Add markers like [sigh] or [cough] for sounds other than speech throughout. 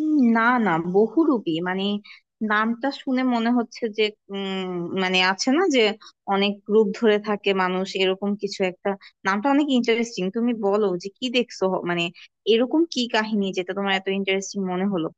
না। না, বহুরূপী মানে নামটা শুনে মনে হচ্ছে যে উম মানে আছে না, যে অনেক রূপ ধরে থাকে মানুষ, এরকম কিছু একটা। নামটা অনেক ইন্টারেস্টিং। তুমি বলো যে কি দেখছো, মানে এরকম কি কাহিনী যেটা তোমার এত ইন্টারেস্টিং মনে হলো?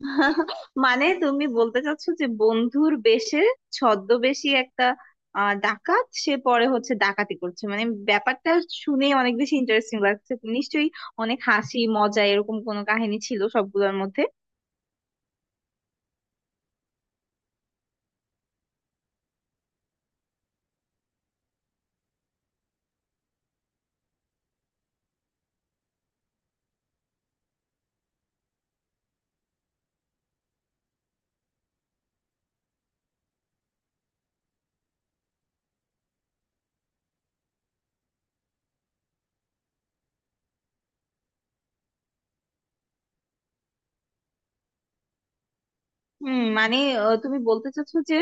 [laughs] মানে তুমি বলতে চাচ্ছো যে বন্ধুর বেশে ছদ্মবেশী একটা ডাকাত, সে পরে হচ্ছে ডাকাতি করছে। মানে ব্যাপারটা শুনে অনেক বেশি ইন্টারেস্টিং লাগছে। নিশ্চয়ই অনেক হাসি মজা এরকম কোনো কাহিনী ছিল সবগুলোর মধ্যে। হুম, মানে তুমি বলতে চাচ্ছো যে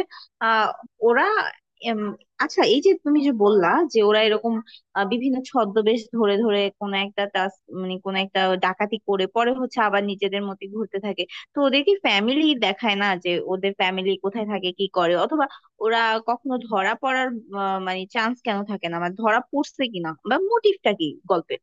আহ, ওরা এম, আচ্ছা এই যে তুমি যে বললা যে ওরা এরকম বিভিন্ন ছদ্মবেশ ধরে ধরে কোন একটা টাস, মানে কোন একটা ডাকাতি করে পরে হচ্ছে আবার নিজেদের মতো ঘুরতে থাকে। তো ওদের কি ফ্যামিলি দেখায় না, যে ওদের ফ্যামিলি কোথায় থাকে কি করে? অথবা ওরা কখনো ধরা পড়ার মানে চান্স কেন থাকে না, মানে ধরা পড়ছে কিনা বা মোটিভটা কি গল্পের?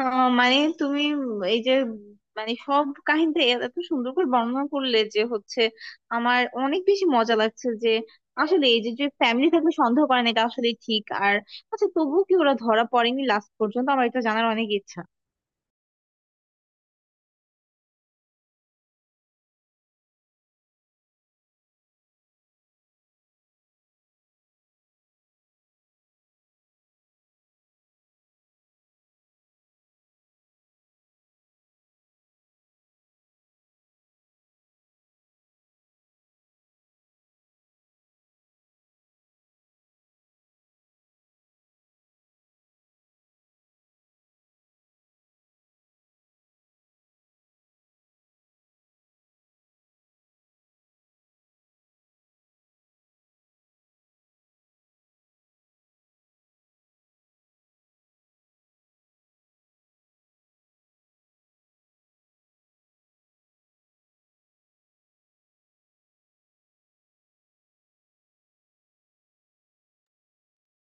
মানে তুমি, এই যে, মানে সব কাহিনীটা এত সুন্দর করে বর্ণনা করলে যে হচ্ছে আমার অনেক বেশি মজা লাগছে, যে আসলে এই যে, যে ফ্যামিলি থাকলে সন্দেহ করে না, এটা আসলে ঠিক। আর আচ্ছা তবুও কি ওরা ধরা পড়েনি লাস্ট পর্যন্ত? আমার এটা জানার অনেক ইচ্ছা।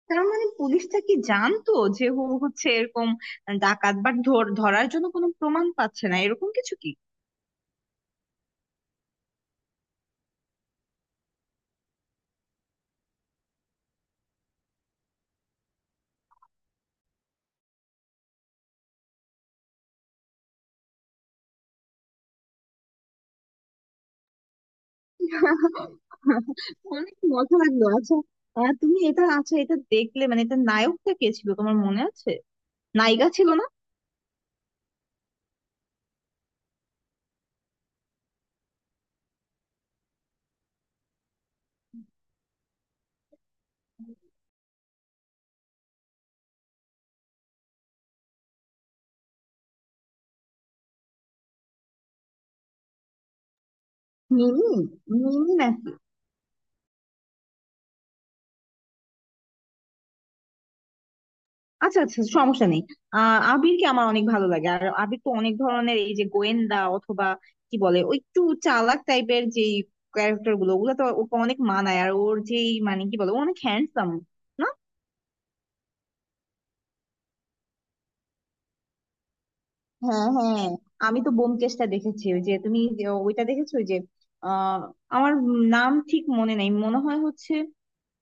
তার মানে পুলিশটা কি জানতো যে ও হচ্ছে এরকম ডাকাত, বাট ধরার জন্য কোনো প্রমাণ পাচ্ছে না, এরকম কিছু কি? [laughs] অনেক মজা লাগলো। আচ্ছা, তুমি এটা, আচ্ছা, এটা দেখলে মানে এটা নায়কটা কে ছিল তোমার মনে আছে? নায়িকা ছিল না? মিমি? মিমি না? আচ্ছা আচ্ছা, সমস্যা নেই। আবিরকে আমার অনেক ভালো লাগে। আর আবির তো অনেক ধরনের, এই যে গোয়েন্দা অথবা কি বলে ওই একটু চালাক টাইপের যে ক্যারেক্টার গুলো, ওগুলো তো ওকে অনেক মানায়। আর ওর যেই, মানে কি বলে, ও অনেক হ্যান্ডসাম না? হ্যাঁ, হ্যাঁ। আমি তো ব্যোমকেশটা দেখেছি, ওই যে তুমি যে ওইটা দেখেছো, ওই যে আহ আমার নাম ঠিক মনে নেই, মনে হয় হচ্ছে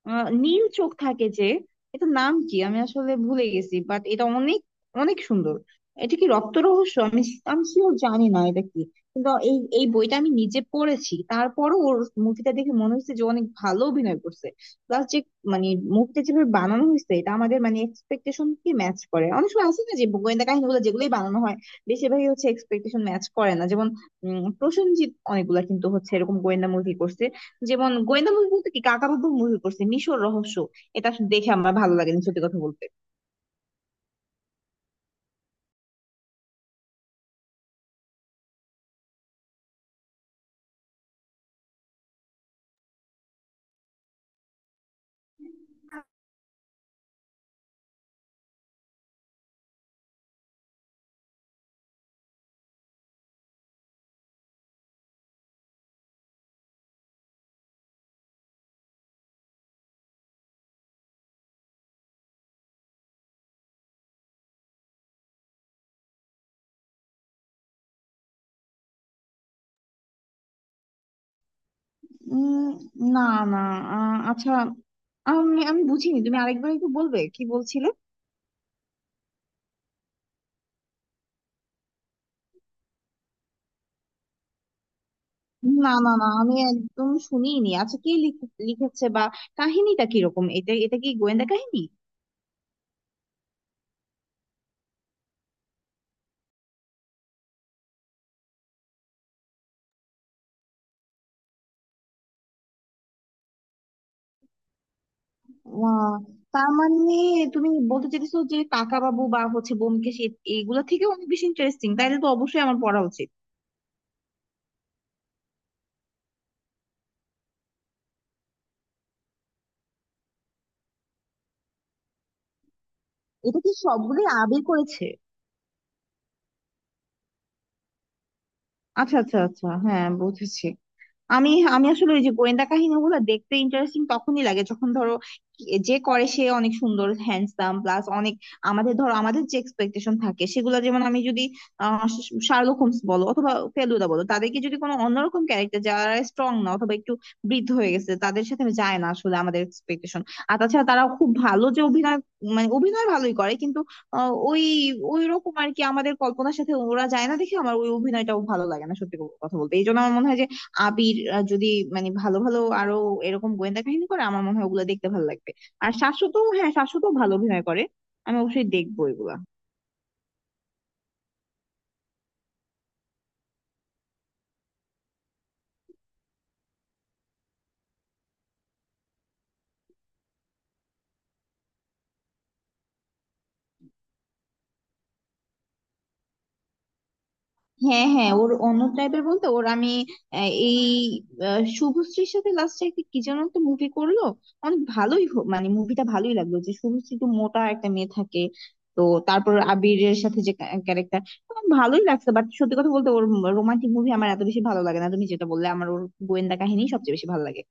নীল চোখ থাকে যে। এটা নাম কি আমি আসলে ভুলে গেছি, বাট এটা অনেক অনেক সুন্দর। এটা কি রক্ত রহস্য? আমি আমি শিওর জানি না এটা কি, কিন্তু এই এই বইটা আমি নিজে পড়েছি, তারপরও ওর মুভিটা দেখে মনে হচ্ছে যে অনেক ভালো অভিনয় করছে। প্লাস যে মানে মুভিটা যেভাবে বানানো হয়েছে, এটা আমাদের মানে এক্সপেকটেশন কি ম্যাচ করে? অনেক সময় আছে না, যে গোয়েন্দা কাহিনীগুলো যেগুলোই বানানো হয়, বেশিরভাগই হচ্ছে এক্সপেকটেশন ম্যাচ করে না। যেমন, প্রসেনজিৎ অনেকগুলা কিন্তু হচ্ছে এরকম গোয়েন্দা মুভি করছে। যেমন গোয়েন্দা মুভি বলতে কি, কাকা বাবু মুভি করছে মিশর রহস্য, এটা আসলে দেখে আমার ভালো লাগেনি সত্যি কথা বলতে। উম, না, না। আচ্ছা, আমি আমি বুঝিনি, তুমি আরেকবার একটু বলবে কি বলছিলে? না না না, আমি একদম শুনিনি। আচ্ছা, কে লিখেছে বা কাহিনীটা কিরকম? এটা এটা কি গোয়েন্দা কাহিনী? আহ, তার মানে তুমি বলতে চাইছো যে কাকা বাবু বা হচ্ছে ব্যোমকেশ, এগুলো থেকে অনেক বেশি ইন্টারেস্টিং? তাইলে তো অবশ্যই আমার পড়া উচিত। এটা কি সবগুলোই আবির করেছে? আচ্ছা আচ্ছা আচ্ছা, হ্যাঁ বুঝেছি। আমি আমি আসলে ওই যে গোয়েন্দা কাহিনীগুলো দেখতে ইন্টারেস্টিং তখনই লাগে যখন ধরো, যে করে সে অনেক সুন্দর, হ্যান্ডসাম, প্লাস অনেক আমাদের, ধরো আমাদের যে এক্সপেকটেশন থাকে সেগুলো, যেমন আমি যদি শার্লক হোমস বলো অথবা ফেলুদা বলো, তাদেরকে যদি কোনো অন্যরকম ক্যারেক্টার যারা স্ট্রং না অথবা একটু বৃদ্ধ হয়ে গেছে, তাদের সাথে যায় না আসলে আমাদের এক্সপেকটেশন। আর তাছাড়া তারা খুব ভালো যে অভিনয়, মানে অভিনয় ভালোই করে, কিন্তু আহ, ওই ওই রকম আর কি আমাদের কল্পনার সাথে ওরা যায় না দেখে আমার ওই অভিনয়টাও ভালো লাগে না সত্যি কথা বলতে। এই জন্য আমার মনে হয় যে আবির, যদি মানে ভালো ভালো আরো এরকম গোয়েন্দা কাহিনী করে, আমার মনে হয় ওগুলো দেখতে ভালো লাগবে। আর শাশ্বত, হ্যাঁ শাশ্বত ভালো অভিনয় করে, আমি অবশ্যই দেখবো এগুলা। হ্যাঁ হ্যাঁ, ওর অন্য টাইপের বলতে ওর আমি এই শুভশ্রীর সাথে লাস্টে একটা কি যেন একটা মুভি করলো, অনেক ভালোই মানে মুভিটা ভালোই লাগলো, যে শুভশ্রী একটু মোটা একটা মেয়ে থাকে, তো তারপর আবিরের সাথে যে ক্যারেক্টার ভালোই লাগছে। বাট সত্যি কথা বলতে ওর রোমান্টিক মুভি আমার এত বেশি ভালো লাগে না, তুমি যেটা বললে, আমার ওর গোয়েন্দা কাহিনী সবচেয়ে বেশি ভালো লাগে।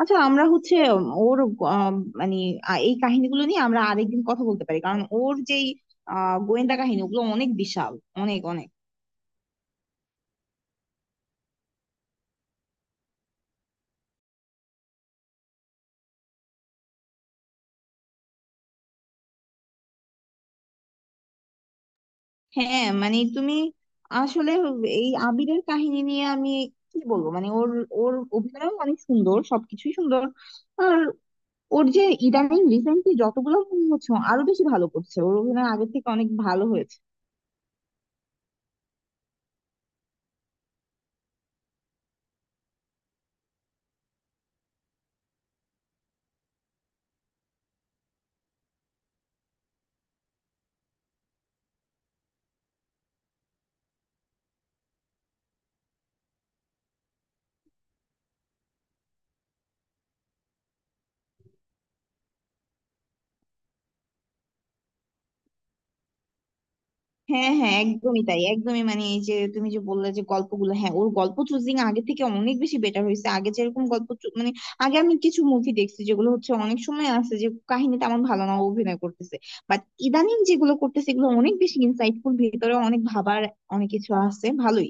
আচ্ছা, আমরা হচ্ছে ওর আহ, মানে এই কাহিনীগুলো নিয়ে আমরা আরেকদিন কথা বলতে পারি, কারণ ওর যেই গোয়েন্দা কাহিনী ওগুলো অনেক বিশাল, অনেক অনেক। হ্যাঁ মানে তুমি, আসলে এই আবিরের কাহিনী নিয়ে আমি কি বলবো, মানে ওর, ওর অভিনয় অনেক সুন্দর, সবকিছুই সুন্দর। আর ওর যে ইদানিং রিসেন্টলি যতগুলো মুভি হচ্ছে, ও আরো বেশি ভালো করছে, ওর অভিনয় আগের থেকে অনেক ভালো হয়েছে। হ্যাঁ হ্যাঁ, একদমই তাই, একদমই মানে এই যে তুমি যে বললে যে গল্পগুলো, হ্যাঁ ওর গল্প চুজিং আগে থেকে অনেক বেশি বেটার হয়েছে। আগে যেরকম গল্প মানে আগে আমি কিছু মুভি দেখছি যেগুলো হচ্ছে অনেক সময় আছে যে কাহিনী তেমন ভালো না, ও অভিনয় করতেছে, বাট ইদানিং যেগুলো করতেছে এগুলো অনেক বেশি ইনসাইটফুল, ভিতরে অনেক ভাবার অনেক কিছু আছে ভালোই।